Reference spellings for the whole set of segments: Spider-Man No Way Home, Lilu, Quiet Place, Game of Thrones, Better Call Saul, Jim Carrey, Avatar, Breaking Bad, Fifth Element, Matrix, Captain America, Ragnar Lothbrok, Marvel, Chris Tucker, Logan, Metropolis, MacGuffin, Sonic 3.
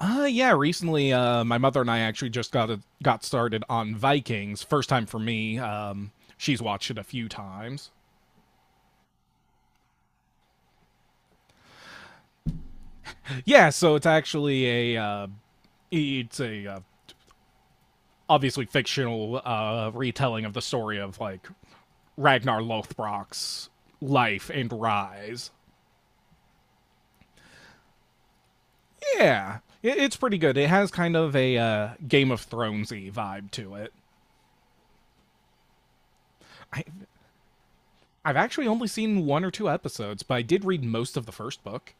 Yeah, recently my mother and I actually just got started on Vikings. First time for me. She's watched it a few times. Yeah, so it's actually a it's a obviously fictional retelling of the story of like Ragnar Lothbrok's life and rise. Yeah. It's pretty good. It has kind of a Game of Thronesy vibe to it. I I've actually only seen one or two episodes, but I did read most of the first book.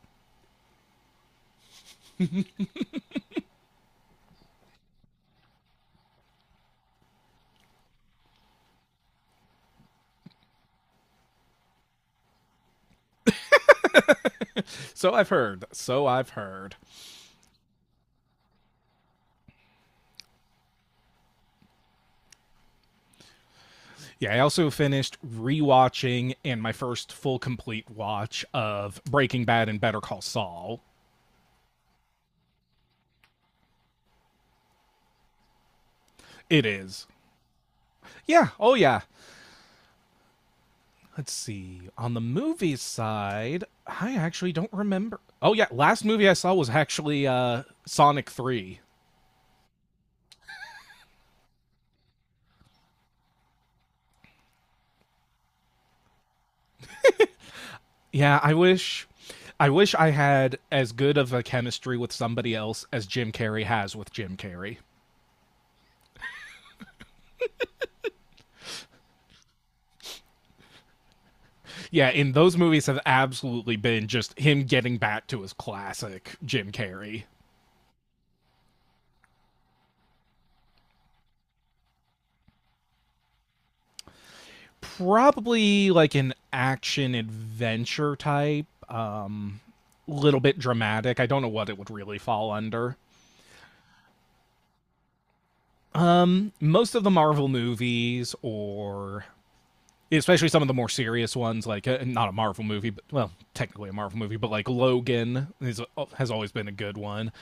So I've heard. So I've heard. Yeah, I also finished rewatching and my first full complete watch of Breaking Bad and Better Call Saul. It is. Yeah. Oh yeah. Let's see. On the movie side, I actually don't remember. Oh yeah, last movie I saw was actually Sonic 3. Yeah, I wish I had as good of a chemistry with somebody else as Jim Carrey has with Jim Carrey. Yeah, and those movies have absolutely been just him getting back to his classic Jim Carrey. Probably like an action adventure type, little bit dramatic. I don't know what it would really fall under. Most of the Marvel movies or especially some of the more serious ones like not a Marvel movie, but well, technically a Marvel movie, but like Logan is, has always been a good one.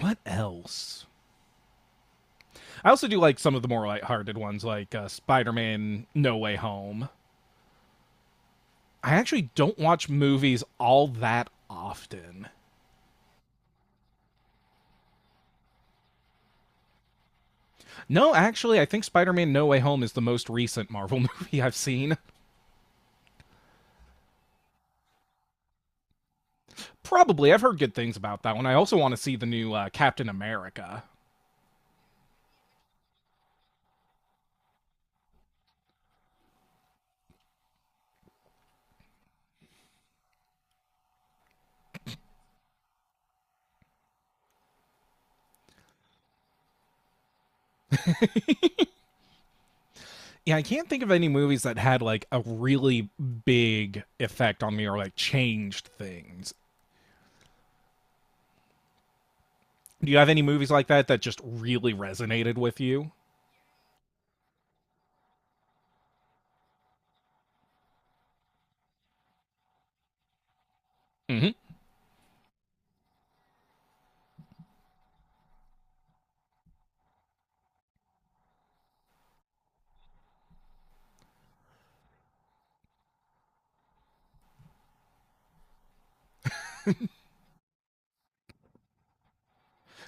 What else? I also do like some of the more lighthearted ones like Spider-Man No Way Home. I actually don't watch movies all that often. No, actually, I think Spider Man No Way Home is the most recent Marvel movie I've seen. Probably. I've heard good things about that one. I also want to see the new Captain America. Yeah, I can't think of any movies that had like a really big effect on me or like changed things. Do you have any movies like that that just really resonated with you? Mm-hmm.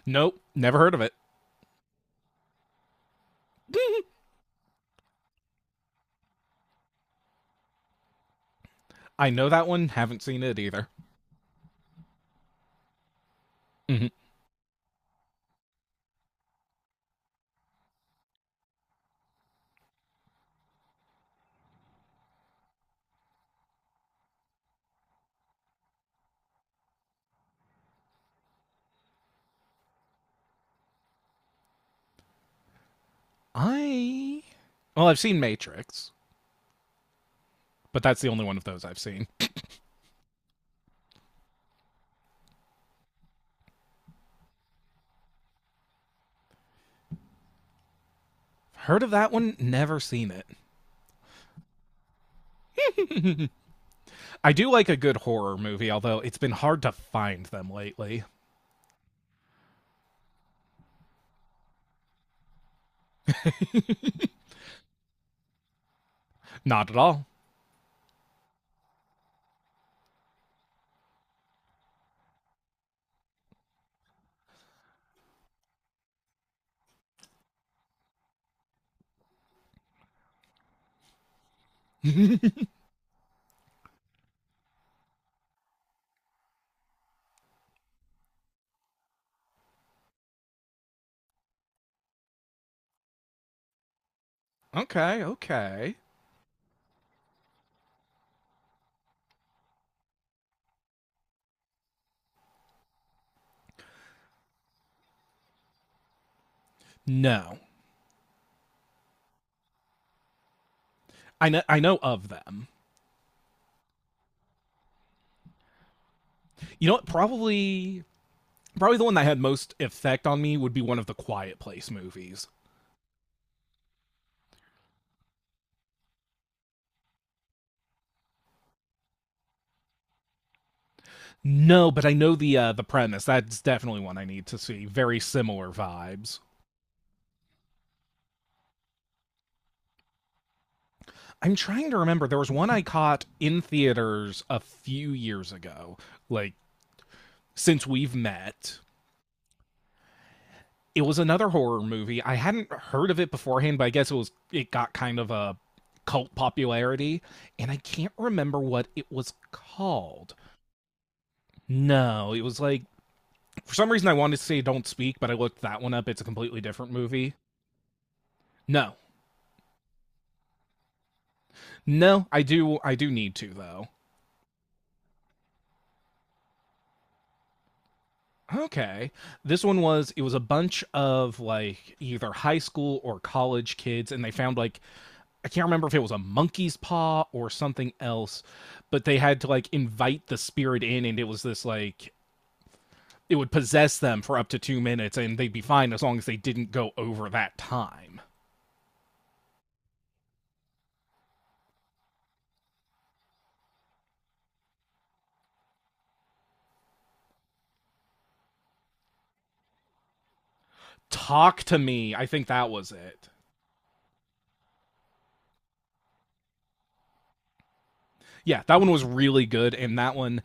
Nope, never heard of it. I know that one, haven't seen it either. Mm-hmm. I. Well, I've seen Matrix, but that's the only one of those I've seen. Heard of that one? Never seen it. I do like a good horror movie, although it's been hard to find them lately. Not at all. okay, okay. No. I know of them. You know what? Probably the one that had most effect on me would be one of the Quiet Place movies. No, but I know the premise. That's definitely one I need to see. Very similar vibes. I'm trying to remember. There was one I caught in theaters a few years ago, like since we've met. It was another horror movie. I hadn't heard of it beforehand, but I guess it got kind of a cult popularity, and I can't remember what it was called. No, it was like for some reason I wanted to say Don't Speak, but I looked that one up. It's a completely different movie. No. No, I do need to though. Okay. This one was It was a bunch of like either high school or college kids and they found like, I can't remember if it was a monkey's paw or something else, but they had to like invite the spirit in, and it was this like it would possess them for up to 2 minutes and they'd be fine as long as they didn't go over that time. Talk to me. I think that was it. Yeah, that one was really good and that one,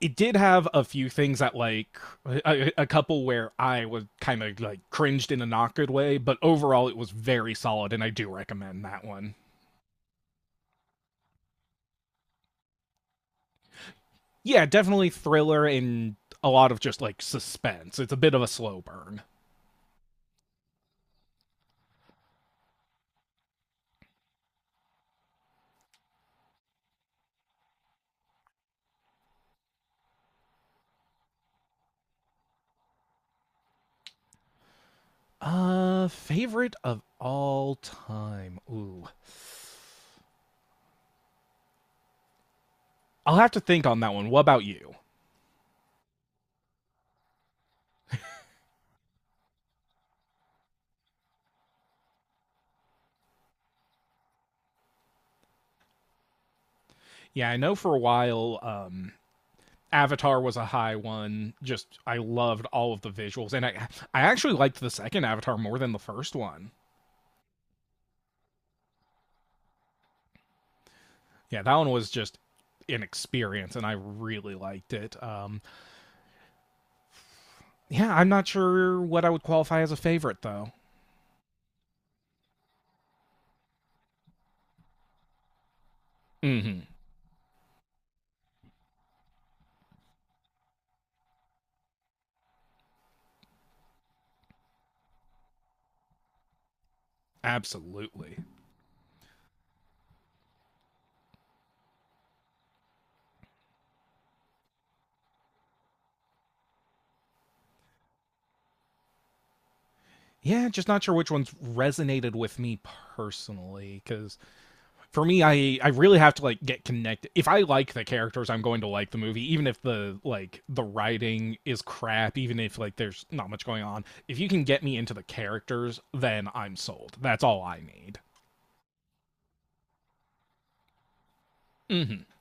it did have a few things that like a couple where I was kind of like cringed in a not good way, but overall it was very solid, and I do recommend that one. Yeah, definitely thriller and a lot of just like suspense. It's a bit of a slow burn. Favorite of all time. Ooh, I'll have to think on that one. What about you? Yeah, I know for a while, Avatar was a high one. Just I loved all of the visuals, and I actually liked the second Avatar more than the first one. Yeah, that one was just an experience, and I really liked it. Yeah, I'm not sure what I would qualify as a favorite though. Mm-hmm. Absolutely. Yeah, just not sure which ones resonated with me personally because for me I really have to like get connected. If I like the characters, I'm going to like the movie, even if the like the writing is crap, even if like there's not much going on. If you can get me into the characters, then I'm sold. That's all I need. Mm-hmm.